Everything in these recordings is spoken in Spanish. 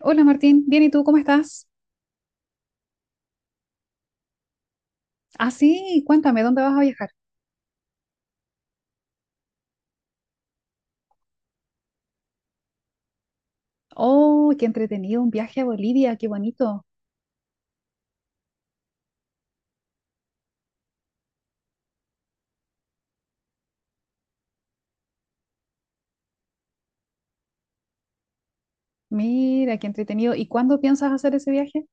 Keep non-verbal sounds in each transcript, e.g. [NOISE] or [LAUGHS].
Hola Martín, bien, ¿y tú cómo estás? Ah, sí, cuéntame, ¿dónde vas a viajar? Oh, qué entretenido, un viaje a Bolivia, qué bonito. Mira, qué entretenido. ¿Y cuándo piensas hacer ese viaje?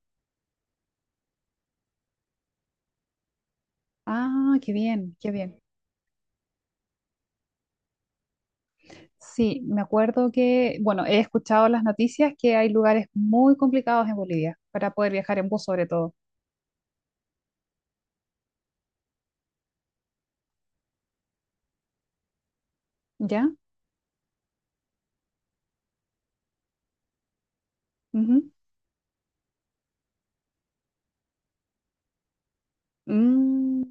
Ah, qué bien, qué bien. Sí, me acuerdo que, bueno, he escuchado las noticias que hay lugares muy complicados en Bolivia para poder viajar en bus sobre todo. ¿Ya? Ujú. Mm.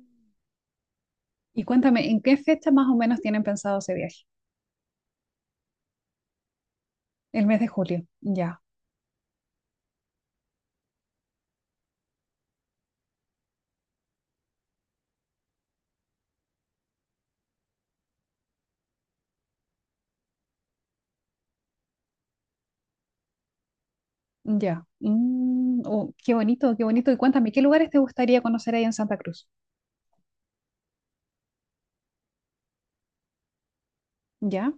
Y cuéntame, ¿en qué fecha más o menos tienen pensado ese viaje? El mes de julio. Ya. Ya. Mm, oh, qué bonito, qué bonito. Y cuéntame, ¿qué lugares te gustaría conocer ahí en Santa Cruz? Ya.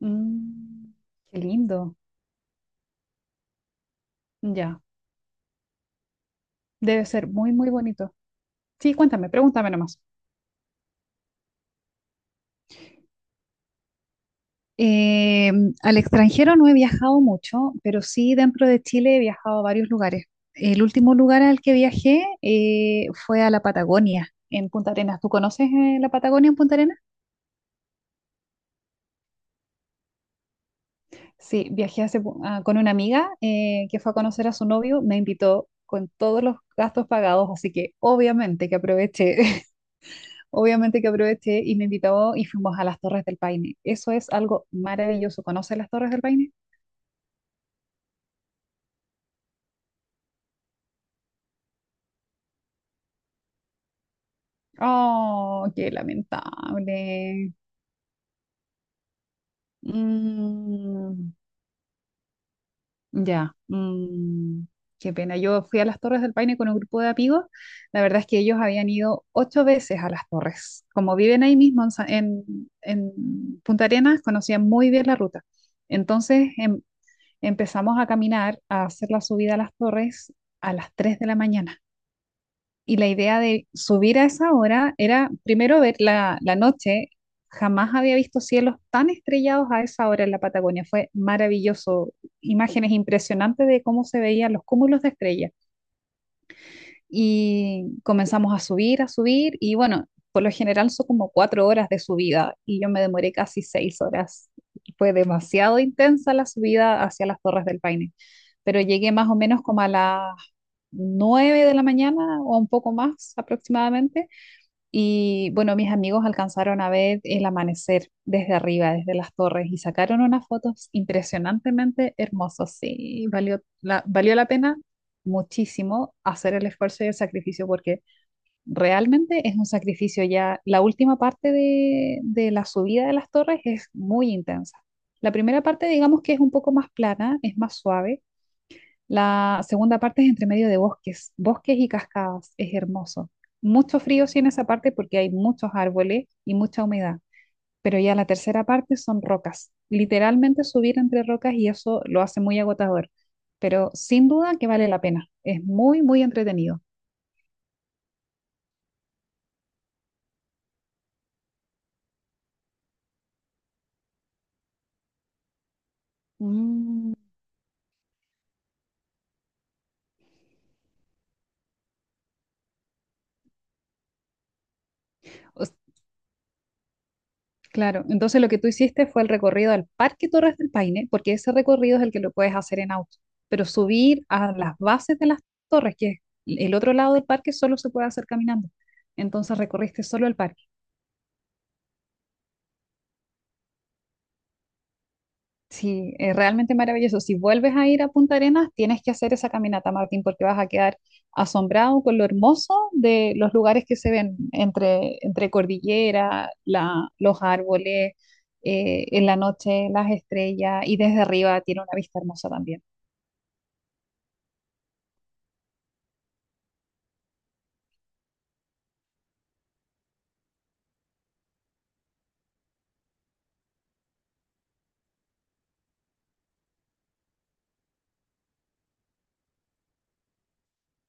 Mm, qué lindo. Ya. Debe ser muy, muy bonito. Sí, cuéntame, pregúntame nomás. Eh, al extranjero no he viajado mucho, pero sí dentro de Chile he viajado a varios lugares. El último lugar al que viajé fue a la Patagonia, en Punta Arenas. ¿Tú conoces la Patagonia en Punta Arenas? Sí, viajé con una amiga que fue a conocer a su novio, me invitó con todos los gastos pagados, así que obviamente que aproveché, [LAUGHS] obviamente que aproveché y me invitó y fuimos a las Torres del Paine. Eso es algo maravilloso. ¿Conoces las Torres del Paine? Oh, qué lamentable. Mm. Ya, mm, qué pena. Yo fui a las Torres del Paine con un grupo de amigos. La verdad es que ellos habían ido ocho veces a las Torres. Como viven ahí mismo en Punta Arenas, conocían muy bien la ruta. Entonces empezamos a caminar, a hacer la subida a las Torres a las 3 de la mañana. Y la idea de subir a esa hora era primero ver la noche. Jamás había visto cielos tan estrellados a esa hora en la Patagonia. Fue maravilloso. Imágenes impresionantes de cómo se veían los cúmulos de estrellas y comenzamos a subir y bueno, por lo general son como 4 horas de subida y yo me demoré casi 6 horas. Fue demasiado intensa la subida hacia las Torres del Paine, pero llegué más o menos como a las 9 de la mañana o un poco más aproximadamente y bueno, mis amigos alcanzaron a ver el amanecer desde arriba, desde las torres, y sacaron unas fotos impresionantemente hermosas. Sí, valió la pena muchísimo hacer el esfuerzo y el sacrificio, porque realmente es un sacrificio ya. La última parte de la subida de las torres es muy intensa. La primera parte, digamos que es un poco más plana, es más suave. La segunda parte es entre medio de bosques, bosques y cascadas, es hermoso. Mucho frío sí en esa parte porque hay muchos árboles y mucha humedad, pero ya la tercera parte son rocas, literalmente subir entre rocas y eso lo hace muy agotador, pero sin duda que vale la pena, es muy, muy entretenido. Mm. Claro, entonces lo que tú hiciste fue el recorrido al Parque Torres del Paine, porque ese recorrido es el que lo puedes hacer en auto, pero subir a las bases de las torres, que es el otro lado del parque, solo se puede hacer caminando. Entonces recorriste solo el parque. Sí, es realmente maravilloso. Si vuelves a ir a Punta Arenas, tienes que hacer esa caminata, Martín, porque vas a quedar asombrado con lo hermoso de los lugares que se ven entre cordillera, la, los árboles, en la noche las estrellas y desde arriba tiene una vista hermosa también.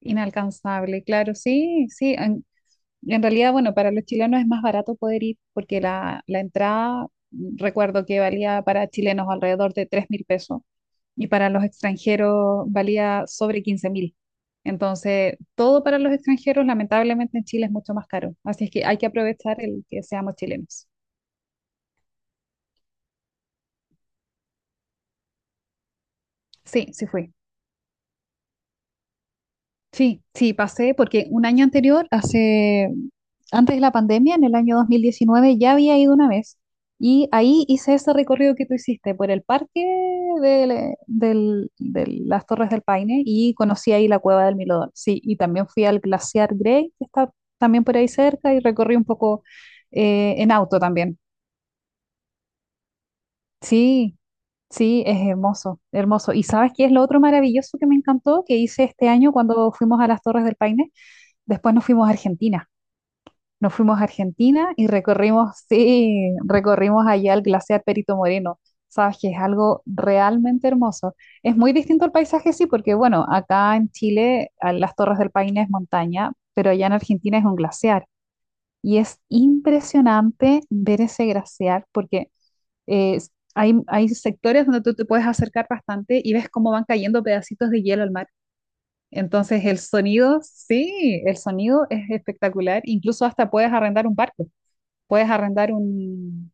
Inalcanzable, claro, sí, sí. En realidad, bueno, para los chilenos es más barato poder ir porque la entrada, recuerdo que valía para chilenos alrededor de 3.000 pesos y para los extranjeros valía sobre 15.000. Entonces, todo para los extranjeros, lamentablemente en Chile es mucho más caro. Así es que hay que aprovechar el que seamos chilenos. Sí, sí fui. Sí, sí, pasé porque un año anterior, hace, antes de la pandemia, en el año 2019 ya había ido una vez y ahí hice ese recorrido que tú hiciste por el parque del- de las Torres del Paine y conocí ahí la Cueva del Milodón. Sí, y también fui al Glaciar Grey, que está también por ahí cerca, y recorrí un poco en auto también. Sí, sí, es hermoso, hermoso. ¿Y sabes qué es lo otro maravilloso que me encantó que hice este año cuando fuimos a las Torres del Paine? Después nos fuimos a Argentina. Nos fuimos a Argentina y recorrimos, sí, recorrimos allá el glaciar Perito Moreno. Sabes que es algo realmente hermoso. Es muy distinto el paisaje, sí, porque bueno, acá en Chile a las Torres del Paine es montaña, pero allá en Argentina es un glaciar. Y es impresionante ver ese glaciar porque eh, hay sectores donde tú te puedes acercar bastante y ves cómo van cayendo pedacitos de hielo al mar. Entonces el sonido, sí, el sonido es espectacular. Incluso hasta puedes arrendar un barco. Puedes arrendar un,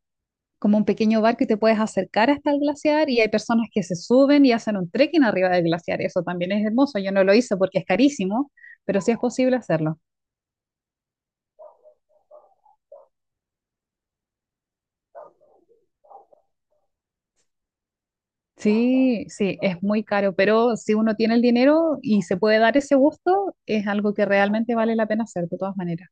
como un pequeño barco y te puedes acercar hasta el glaciar y hay personas que se suben y hacen un trekking arriba del glaciar. Eso también es hermoso. Yo no lo hice porque es carísimo, pero sí es posible hacerlo. Sí, sí, es muy caro, pero si uno tiene el dinero y se puede dar ese gusto, es algo que realmente vale la pena hacer de todas maneras.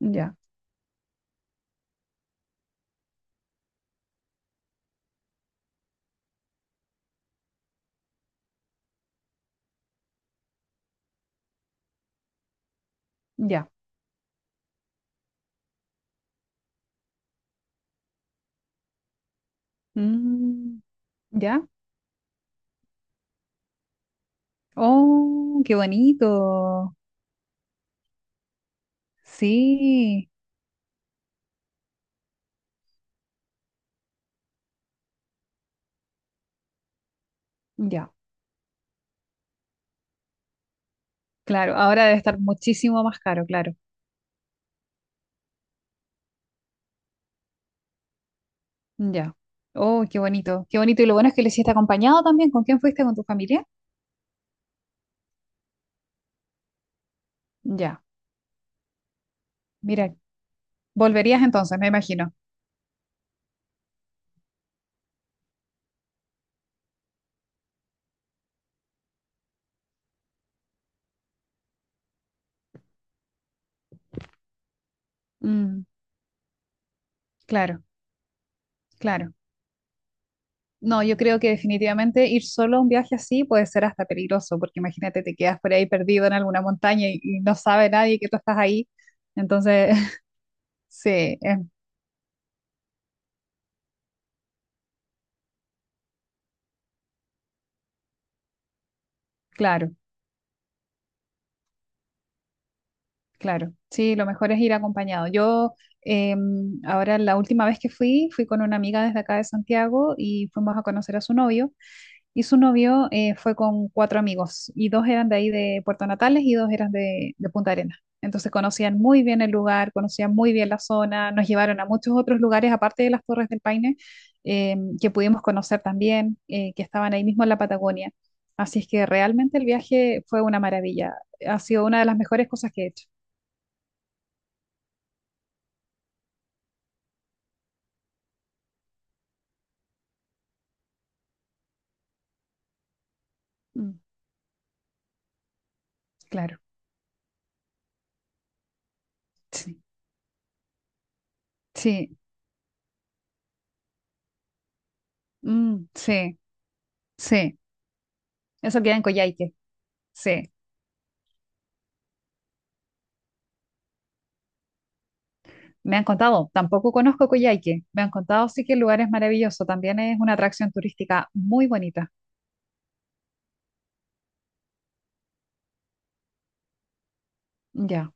Ya, ya. Mm, ya. Oh, qué bonito. Sí, ya, claro. Ahora debe estar muchísimo más caro, claro. Ya. Oh, qué bonito, qué bonito. Y lo bueno es que lo hiciste acompañado también. ¿Con quién fuiste? ¿Con tu familia? Ya, mira, volverías entonces, me imagino. Mm, claro, claro. No, yo creo que definitivamente ir solo a un viaje así puede ser hasta peligroso, porque imagínate, te quedas por ahí perdido en alguna montaña y no sabe nadie que tú estás ahí. Entonces, [LAUGHS] sí, es claro. Claro, sí, lo mejor es ir acompañado. Yo ahora la última vez que fui, fui con una amiga desde acá de Santiago y fuimos a conocer a su novio. Y su novio fue con cuatro amigos y dos eran de ahí de Puerto Natales y dos eran de Punta Arenas. Entonces conocían muy bien el lugar, conocían muy bien la zona, nos llevaron a muchos otros lugares aparte de las Torres del Paine que pudimos conocer también, que estaban ahí mismo en la Patagonia. Así es que realmente el viaje fue una maravilla, ha sido una de las mejores cosas que he hecho. Mm. Claro, sí, sí, mm, sí, sí, eso queda en Coyhaique, sí, me han contado, tampoco conozco Coyhaique, me han contado sí que el lugar es maravilloso, también es una atracción turística muy bonita, ya,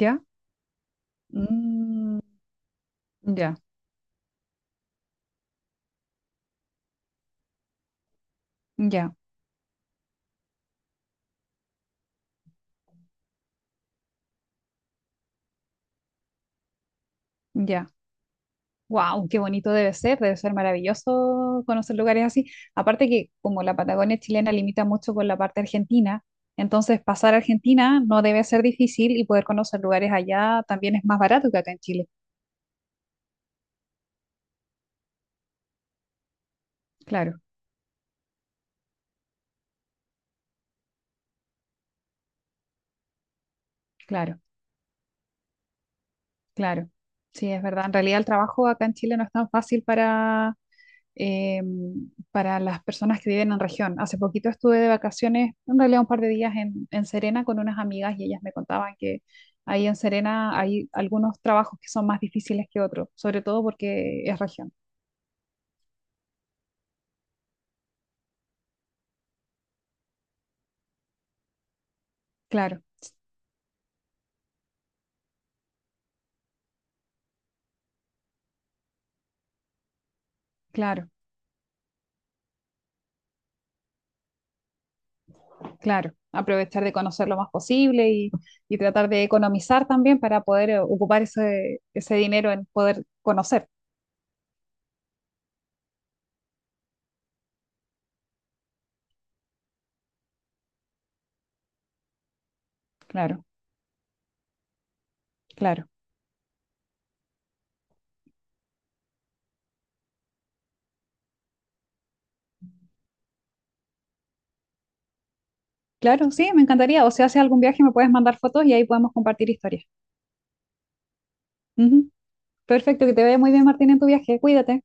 ya, mm, ya, ya, ya, wow, qué bonito debe ser maravilloso conocer lugares así, aparte que como la Patagonia chilena limita mucho con la parte argentina, entonces pasar a Argentina no debe ser difícil y poder conocer lugares allá también es más barato que acá en Chile, claro. Claro, claro. Sí, es verdad. En realidad el trabajo acá en Chile no es tan fácil eh, para las personas que viven en región. Hace poquito estuve de vacaciones, en realidad un par de días en Serena con unas amigas y ellas me contaban que ahí en Serena hay algunos trabajos que son más difíciles que otros, sobre todo porque es región. Claro, claro, claro. Aprovechar de conocer lo más posible y tratar de economizar también para poder ocupar ese dinero en poder conocer. Claro, claro. Claro, sí, me encantaría. O si haces algún viaje, me puedes mandar fotos y ahí podemos compartir historias. Ujú. Perfecto, que te vaya muy bien, Martín, en tu viaje. Cuídate.